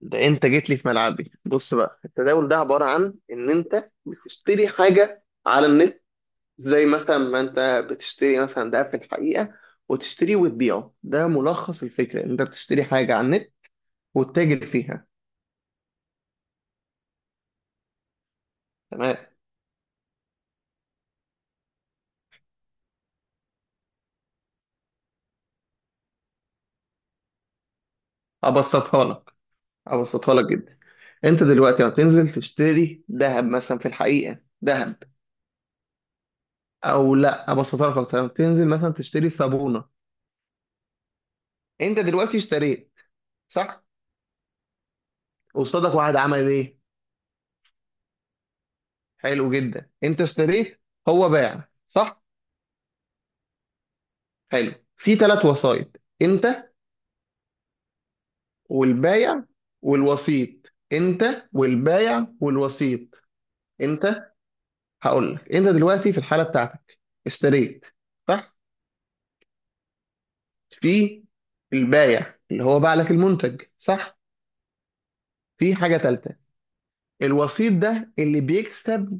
ده انت جيت لي في ملعبي. بص بقى، التداول ده عبارة عن ان انت بتشتري حاجة على النت، زي مثلا ما انت بتشتري مثلا ده في الحقيقة، وتشتريه وتبيعه. ده ملخص الفكرة ان انت بتشتري حاجة على النت وتتاجر فيها. تمام. ابسطها لك ابسطها لك جدا. انت دلوقتي لما تنزل تشتري ذهب مثلا في الحقيقة، ذهب، او لا ابسطها لك اكتر. لما تنزل مثلا تشتري صابونة، انت دلوقتي اشتريت، صح؟ قصادك واحد عمل ايه؟ حلو جدا. انت اشتريت، هو باع، صح؟ حلو، في ثلاث وسايط: والبايع انت والبايع والوسيط. انت هقول لك، انت دلوقتي في الحاله بتاعتك اشتريت، صح؟ في البايع اللي هو باع لك المنتج، صح؟ في حاجه ثالثه، الوسيط ده اللي بيكسب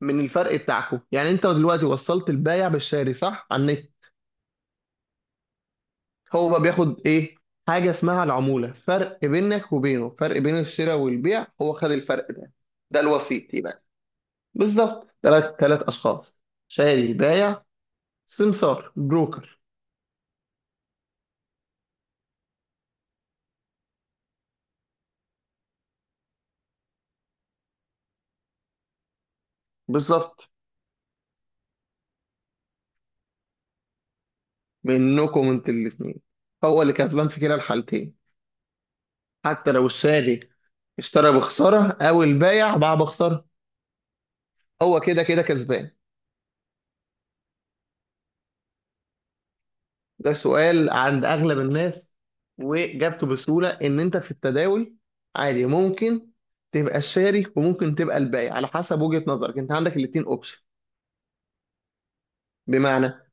من الفرق بتاعكم. يعني انت دلوقتي وصلت البايع بالشاري، صح؟ على النت. هو بقى بياخد ايه؟ حاجه اسمها العموله، فرق بينك وبينه، فرق بين الشراء والبيع، هو خد الفرق ده. ده الوسيط يبقى. بالظبط. ثلاث اشخاص: شاري، بايع، سمسار، بروكر. بالظبط. منكم انتوا الاثنين، هو اللي كسبان في كلا الحالتين. حتى لو الشاري اشترى بخساره او البايع باع بخساره، هو كده كده كسبان. ده سؤال عند اغلب الناس، واجابته بسهوله ان انت في التداول عادي ممكن تبقى الشاري وممكن تبقى البائع، على حسب وجهه نظرك. انت عندك الاتنين اوبشن. بمعنى،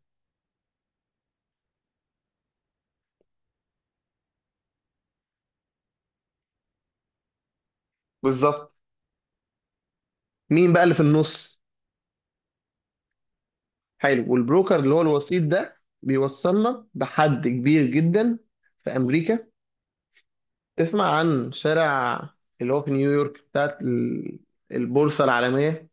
بالظبط. مين بقى اللي في النص؟ حلو. والبروكر اللي هو الوسيط ده بيوصلنا بحد كبير جدا في امريكا. تسمع عن شارع اللي هو في نيويورك بتاعت البورصه العالميه.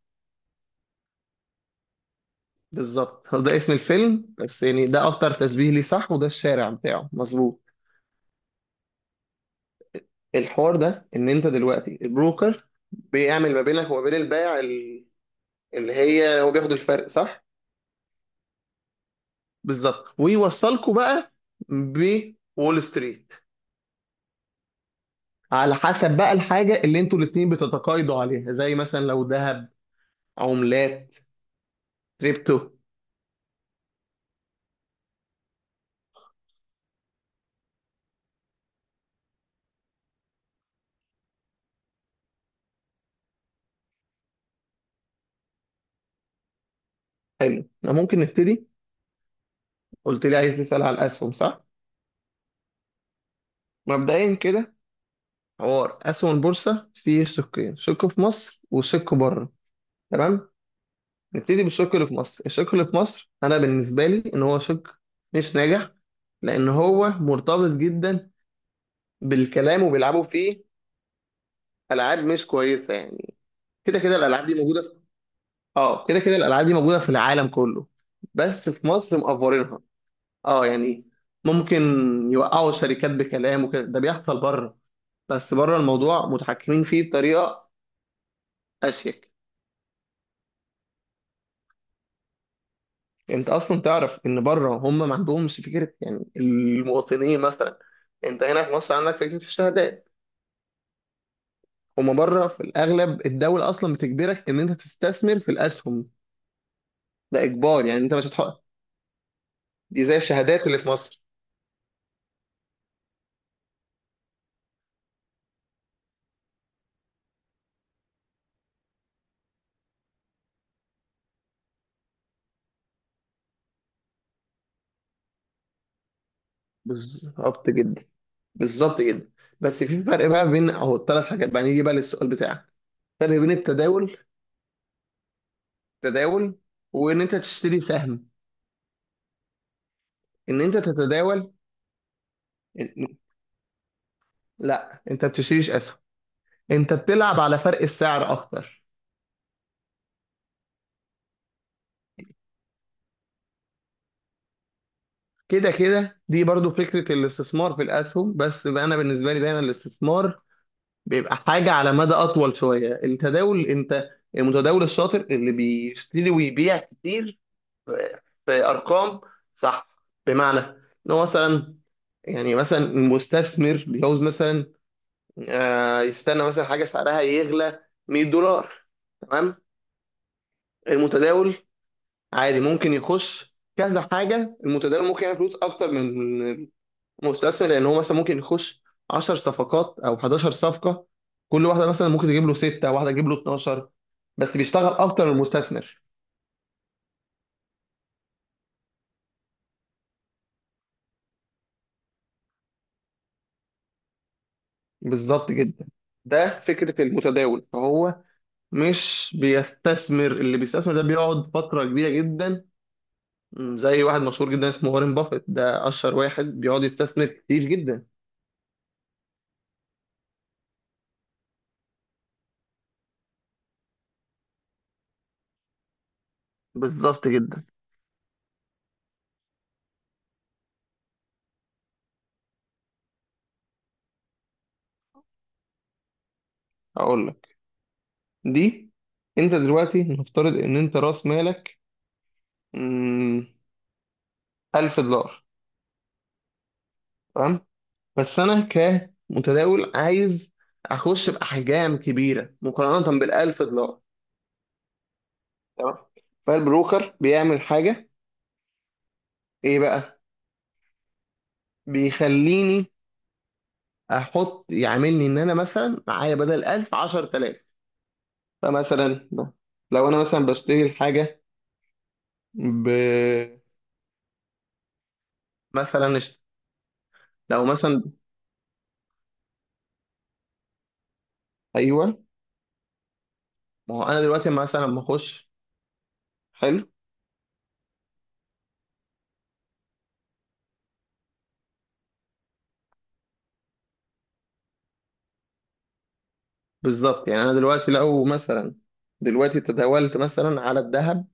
بالظبط، هو ده اسم الفيلم بس، يعني ده اكتر تشبيه ليه، صح؟ وده الشارع بتاعه، مظبوط. الحوار ده ان انت دلوقتي البروكر بيعمل ما بينك وما بين البائع اللي هي هو بياخد الفرق، صح؟ بالظبط. ويوصلكوا بقى بول ستريت، على حسب بقى الحاجه اللي انتوا الاثنين بتتقايضوا عليها، زي مثلا لو ذهب، عملات، كريبتو. حلو. أنا ممكن نبتدي. قلت لي عايز نسال على الاسهم، صح؟ مبدئيا كده، حوار اسهم البورصه فيه شقين، شق في مصر وشق بره. تمام؟ نبتدي بالشق اللي في مصر. الشق اللي في مصر انا بالنسبه لي ان هو شق مش ناجح، لان هو مرتبط جدا بالكلام وبيلعبوا فيه العاب مش كويسه. يعني كده كده الالعاب دي موجوده في... اه، كده كده الالعاب دي موجوده في العالم كله بس في مصر مقفرينها. اه يعني ممكن يوقعوا الشركات بكلام وكده. ده بيحصل بره، بس بره الموضوع متحكمين فيه بطريقه اشيك. انت اصلا تعرف ان بره هم ما عندهمش فكره، يعني المواطنين مثلا. انت هنا في مصر عندك فكره الشهادات، هم بره في الاغلب الدوله اصلا بتجبرك ان انت تستثمر في الاسهم. ده اجبار، يعني انت مش هتحط. دي زي الشهادات اللي في مصر. بالظبط جدا، بالظبط جدا. بس في فرق بقى بين اهو الثلاث حاجات. بقى نيجي بقى للسؤال بتاعك. فرق بين التداول وان انت تشتري سهم، ان انت تتداول. لا، انت بتشتريش اسهم، انت بتلعب على فرق السعر اكتر. كده كده دي برضو فكرة الاستثمار في الأسهم، بس بقى أنا بالنسبة لي دايما الاستثمار بيبقى حاجة على مدى أطول شوية. التداول، أنت المتداول الشاطر اللي بيشتري ويبيع كتير، في في أرقام، صح؟ بمعنى، إن هو مثلا، يعني مثلا المستثمر بيعوز مثلا يستنى مثلا حاجة سعرها يغلى $100، تمام. المتداول عادي ممكن يخش كذا حاجة. المتداول ممكن يعمل فلوس أكتر من مستثمر، لان هو مثلا ممكن يخش 10 صفقات او 11 صفقه، كل واحده مثلا ممكن تجيب له 6، واحده تجيب له 12، بس بيشتغل اكتر من المستثمر. بالظبط جدا. ده فكره المتداول. فهو مش بيستثمر. اللي بيستثمر ده بيقعد فتره كبيره جدا، زي واحد مشهور جدا اسمه وارين بافيت، ده اشهر واحد بيقعد يستثمر كتير جدا. بالظبط جدا. هقول لك، دي، انت دلوقتي نفترض ان انت راس مالك م، $1000، تمام. بس انا كمتداول عايز اخش باحجام كبيره مقارنه بالالف دولار، تمام. فالبروكر بيعمل حاجه، ايه بقى؟ بيخليني احط، يعملني ان انا مثلا معايا بدل 1000، 10,000. فمثلا لو انا مثلا بشتري الحاجه ب، مثلا لو مثلا، ايوه، ما هو انا دلوقتي مثلا لما اخش. حلو. بالظبط. يعني انا دلوقتي لو مثلا دلوقتي تداولت مثلا على الذهب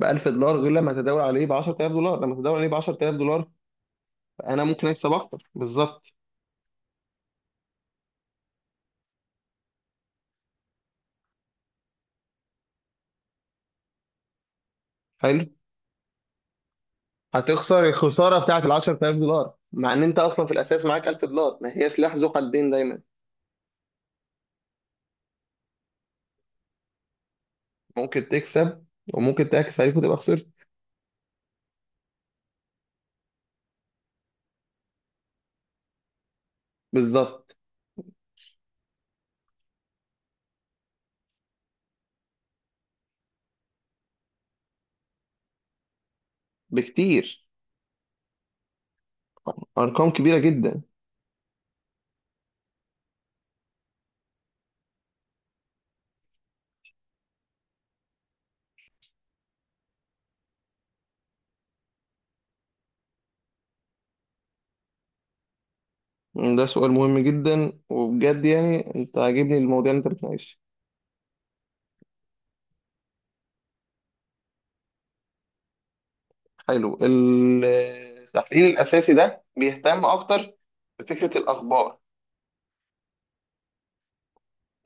ب $1000، غير لما تداول عليه ب $10,000. لما تداول عليه ب $10,000، فانا ممكن اكسب اكتر. بالظبط. حلو. هتخسر الخساره بتاعت ال $10,000 مع ان انت اصلا في الاساس معاك $1000. ما هي سلاح ذو حدين دايما. ممكن تكسب وممكن تعكس عليك وتبقى خسرت. بالظبط، بكتير، ارقام كبيره جدا. ده سؤال مهم جدا وبجد، يعني انت عاجبني المواضيع اللي انت بتناقشها. حلو. التحليل الاساسي ده بيهتم اكتر بفكره الاخبار،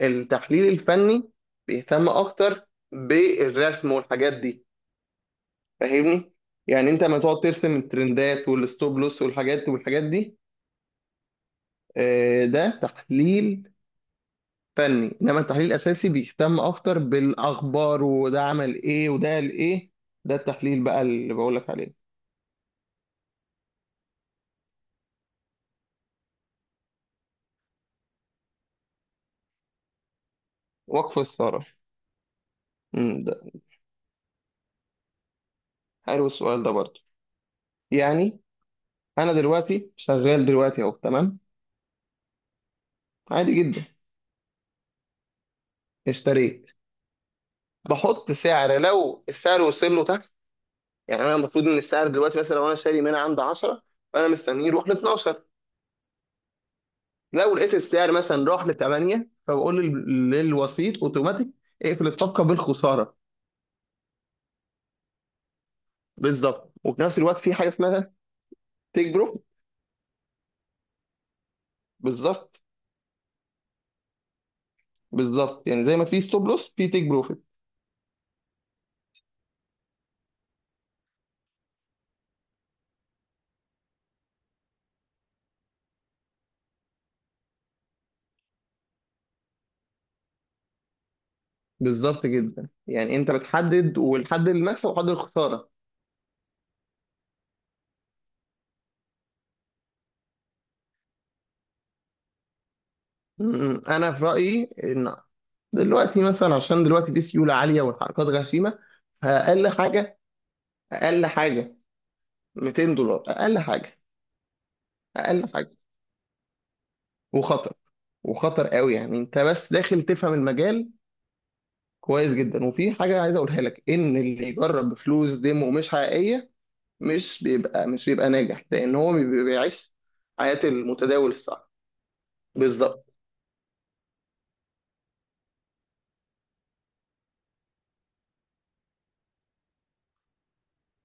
التحليل الفني بيهتم اكتر بالرسم والحاجات دي، فاهمني؟ يعني انت لما تقعد ترسم الترندات والستوب لوس والحاجات والحاجات دي، ده تحليل فني. انما التحليل الاساسي بيهتم اكتر بالاخبار، وده عمل ايه وده قال ايه. ده التحليل بقى اللي بقول لك عليه. وقف الثرى. ده، حلو السؤال ده برضه. يعني انا دلوقتي شغال دلوقتي اهو، تمام، عادي جدا. اشتريت. بحط سعر، لو السعر وصل له. يعني انا المفروض ان السعر دلوقتي مثلا لو انا شاري من عند 10، فانا مستنيه يروح ل 12. لو لقيت السعر مثلا راح ل 8، فبقول للوسيط اوتوماتيك اقفل الصفقه بالخساره. بالظبط. وفي نفس الوقت في حاجه اسمها تيك بروفيت. بالظبط. بالظبط، يعني زي ما في ستوب لوس في تيك بروفيت. بالظبط جدا، يعني انت بتحدد والحد المكسب وحد الخساره. م- م. انا في رايي ان دلوقتي مثلا، عشان دلوقتي في سيوله عاليه والحركات غشيمه، فاقل حاجه، اقل حاجه، $200 اقل حاجه، اقل حاجه. وخطر، وخطر قوي. يعني انت بس داخل تفهم المجال كويس جدا. وفي حاجه عايز اقولها لك، ان اللي يجرب بفلوس ديمو مش حقيقيه، مش بيبقى ناجح لان هو بيبقى بيعيش حياه المتداول الصح. بالظبط.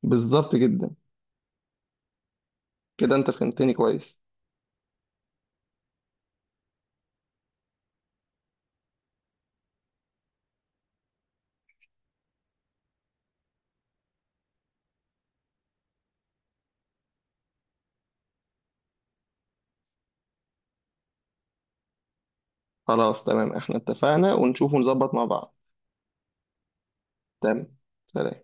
بالظبط جدا. كده انت فهمتني كويس. خلاص، تمام، احنا اتفقنا. ونشوف ونظبط مع بعض. تمام. سلام.